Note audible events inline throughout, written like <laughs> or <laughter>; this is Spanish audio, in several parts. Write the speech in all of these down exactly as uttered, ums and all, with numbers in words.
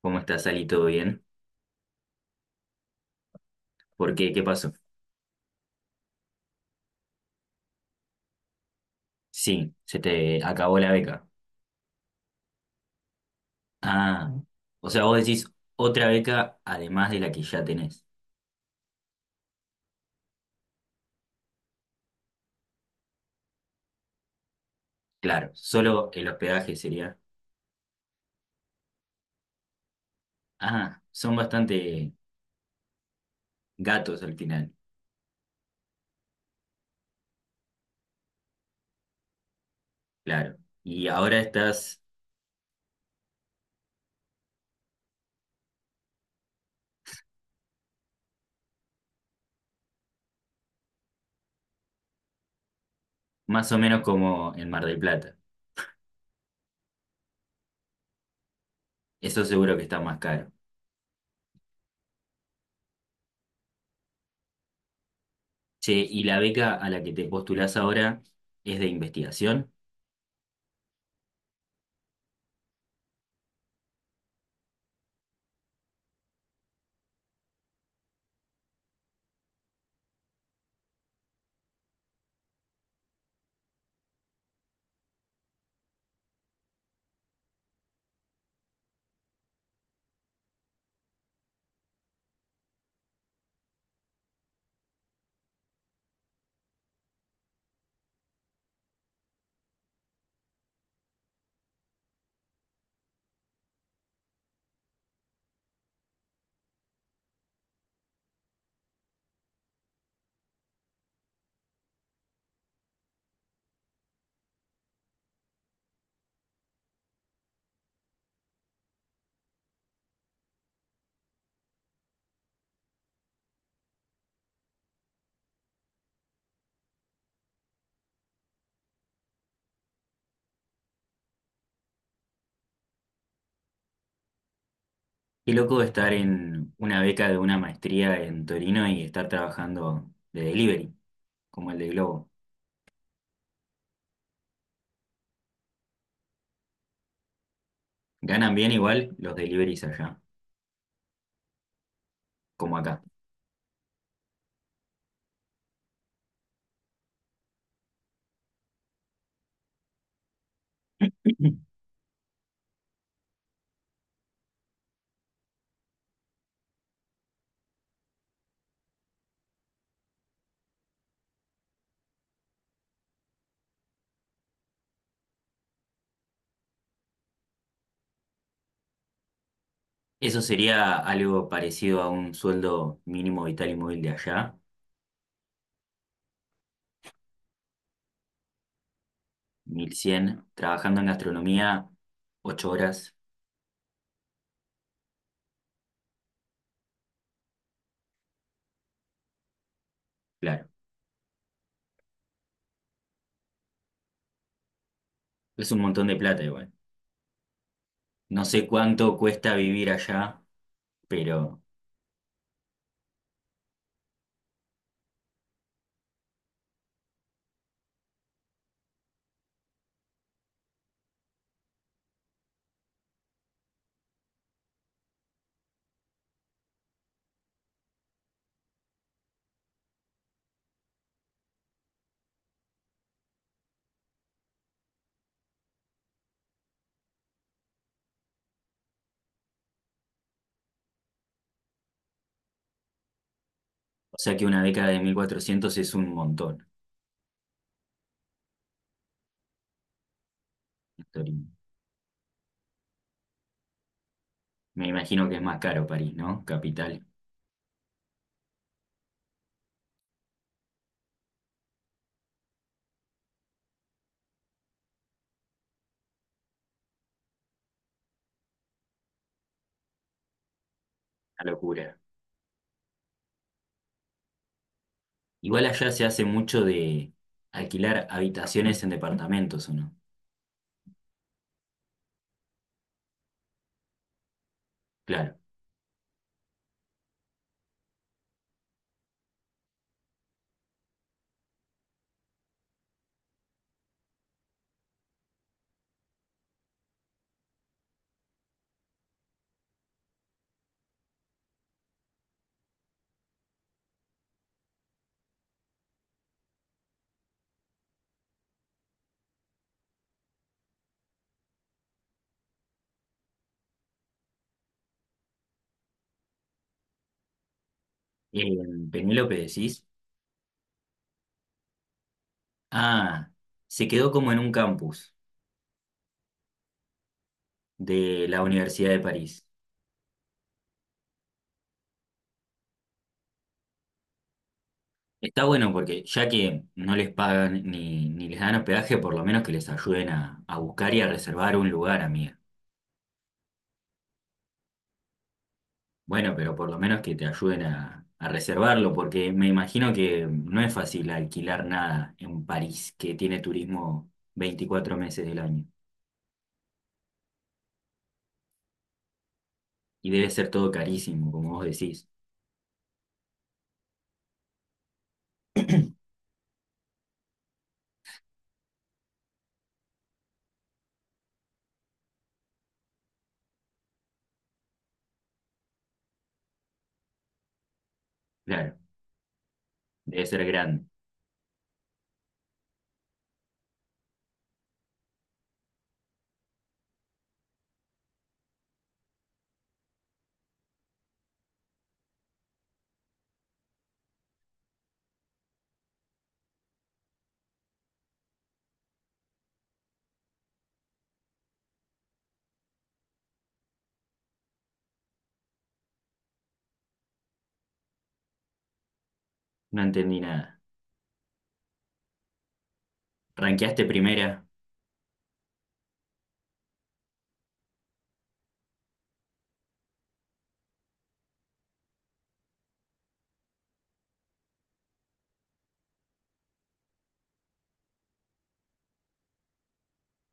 ¿Cómo estás, Ali? ¿Todo bien? ¿Por qué? ¿Qué pasó? Sí, se te acabó la beca. Ah, o sea, vos decís otra beca además de la que ya tenés. Claro, solo el hospedaje sería. Ah, son bastante gatos al final, claro. Y ahora estás más o menos como en Mar del Plata. Eso seguro que está más caro. Che, y la beca a la que te postulás ahora es de investigación. Qué loco estar en una beca de una maestría en Torino y estar trabajando de delivery, como el de Globo. Ganan bien igual los deliveries allá, como acá. <clears throat> Eso sería algo parecido a un sueldo mínimo vital y móvil de allá, mil cien trabajando en gastronomía, ocho horas, claro. Es un montón de plata igual. No sé cuánto cuesta vivir allá, pero o sea que una década de mil cuatrocientos es un montón en Torino. Me imagino que es más caro París, ¿no? Capital, una locura. Igual allá se hace mucho de alquilar habitaciones en departamentos, ¿o no? Claro. Eh, Penélope decís, ah, se quedó como en un campus de la Universidad de París. Está bueno porque ya que no les pagan ni, ni les dan hospedaje, por lo menos que les ayuden a, a buscar y a reservar un lugar, amiga. Bueno, pero por lo menos que te ayuden a, a reservarlo, porque me imagino que no es fácil alquilar nada en París, que tiene turismo veinticuatro meses del año. Y debe ser todo carísimo, como vos decís. Claro, debe ser grande. No entendí nada. ¿Ranqueaste primera?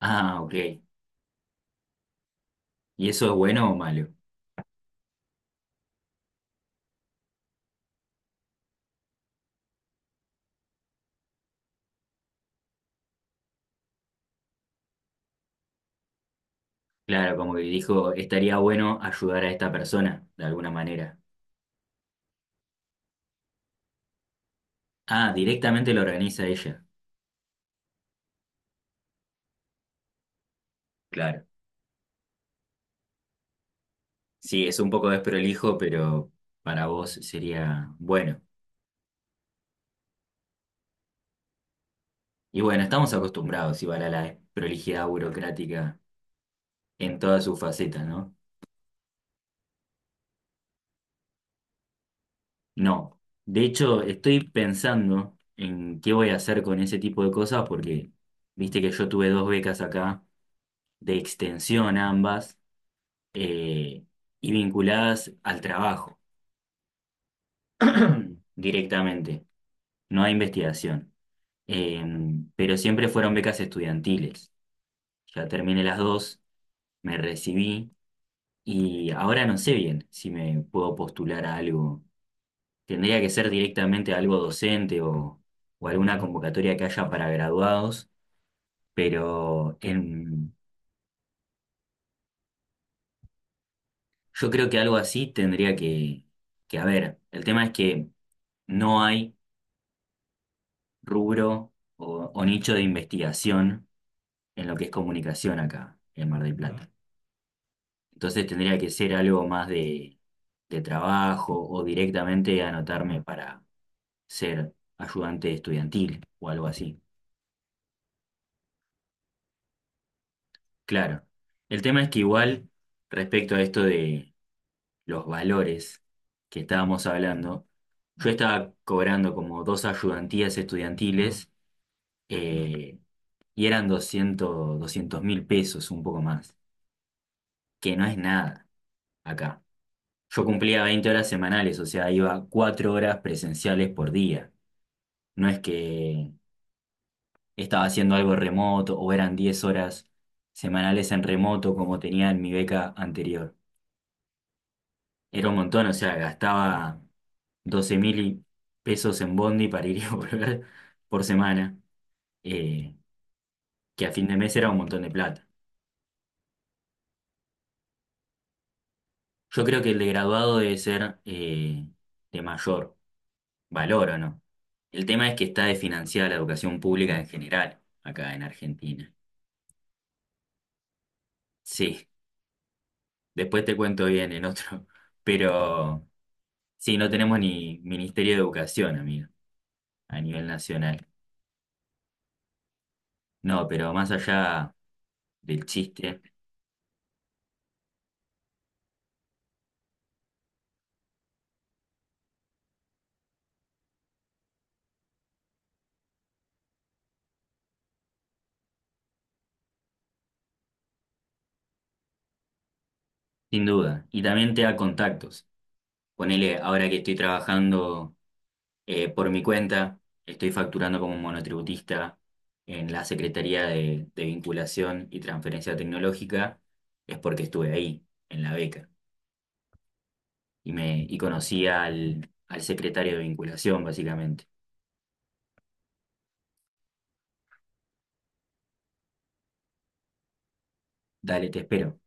Ah, ok. ¿Y eso es bueno o malo? Claro, como que dijo, estaría bueno ayudar a esta persona, de alguna manera. Ah, directamente lo organiza ella. Claro. Sí, es un poco desprolijo, pero para vos sería bueno. Y bueno, estamos acostumbrados igual a la prolijidad burocrática en todas sus facetas, ¿no? No. De hecho, estoy pensando en qué voy a hacer con ese tipo de cosas porque viste que yo tuve dos becas acá, de extensión ambas. eh, y vinculadas al trabajo <clears throat> directamente, no a investigación. Eh, pero siempre fueron becas estudiantiles. Ya terminé las dos, me recibí y ahora no sé bien si me puedo postular a algo. Tendría que ser directamente algo docente o, o alguna convocatoria que haya para graduados, pero en- yo creo que algo así tendría que, que haber. El tema es que no hay rubro o, o nicho de investigación en lo que es comunicación acá en Mar del Claro. Plata. Entonces tendría que ser algo más de, de trabajo o directamente anotarme para ser ayudante estudiantil o algo así. Claro. El tema es que igual respecto a esto de los valores que estábamos hablando, yo estaba cobrando como dos ayudantías estudiantiles eh, y eran doscientos 200 mil pesos, un poco más. Que no es nada acá. Yo cumplía veinte horas semanales, o sea, iba cuatro horas presenciales por día. No es que estaba haciendo algo remoto o eran diez horas semanales en remoto como tenía en mi beca anterior. Era un montón, o sea, gastaba doce mil pesos en bondi para ir y <laughs> volver por semana, eh, que a fin de mes era un montón de plata. Yo creo que el de graduado debe ser eh, de mayor valoro, ¿no? El tema es que está desfinanciada la educación pública en general, acá en Argentina. Sí, después te cuento bien en otro, <laughs> pero sí, no tenemos ni Ministerio de Educación, amigo, a nivel nacional. No, pero más allá del chiste, sin duda. Y también te da contactos. Ponele, ahora que estoy trabajando eh, por mi cuenta, estoy facturando como monotributista en la Secretaría de, de Vinculación y Transferencia Tecnológica, es porque estuve ahí, en la beca, y, me, y conocí al, al secretario de vinculación, básicamente. Dale, te espero.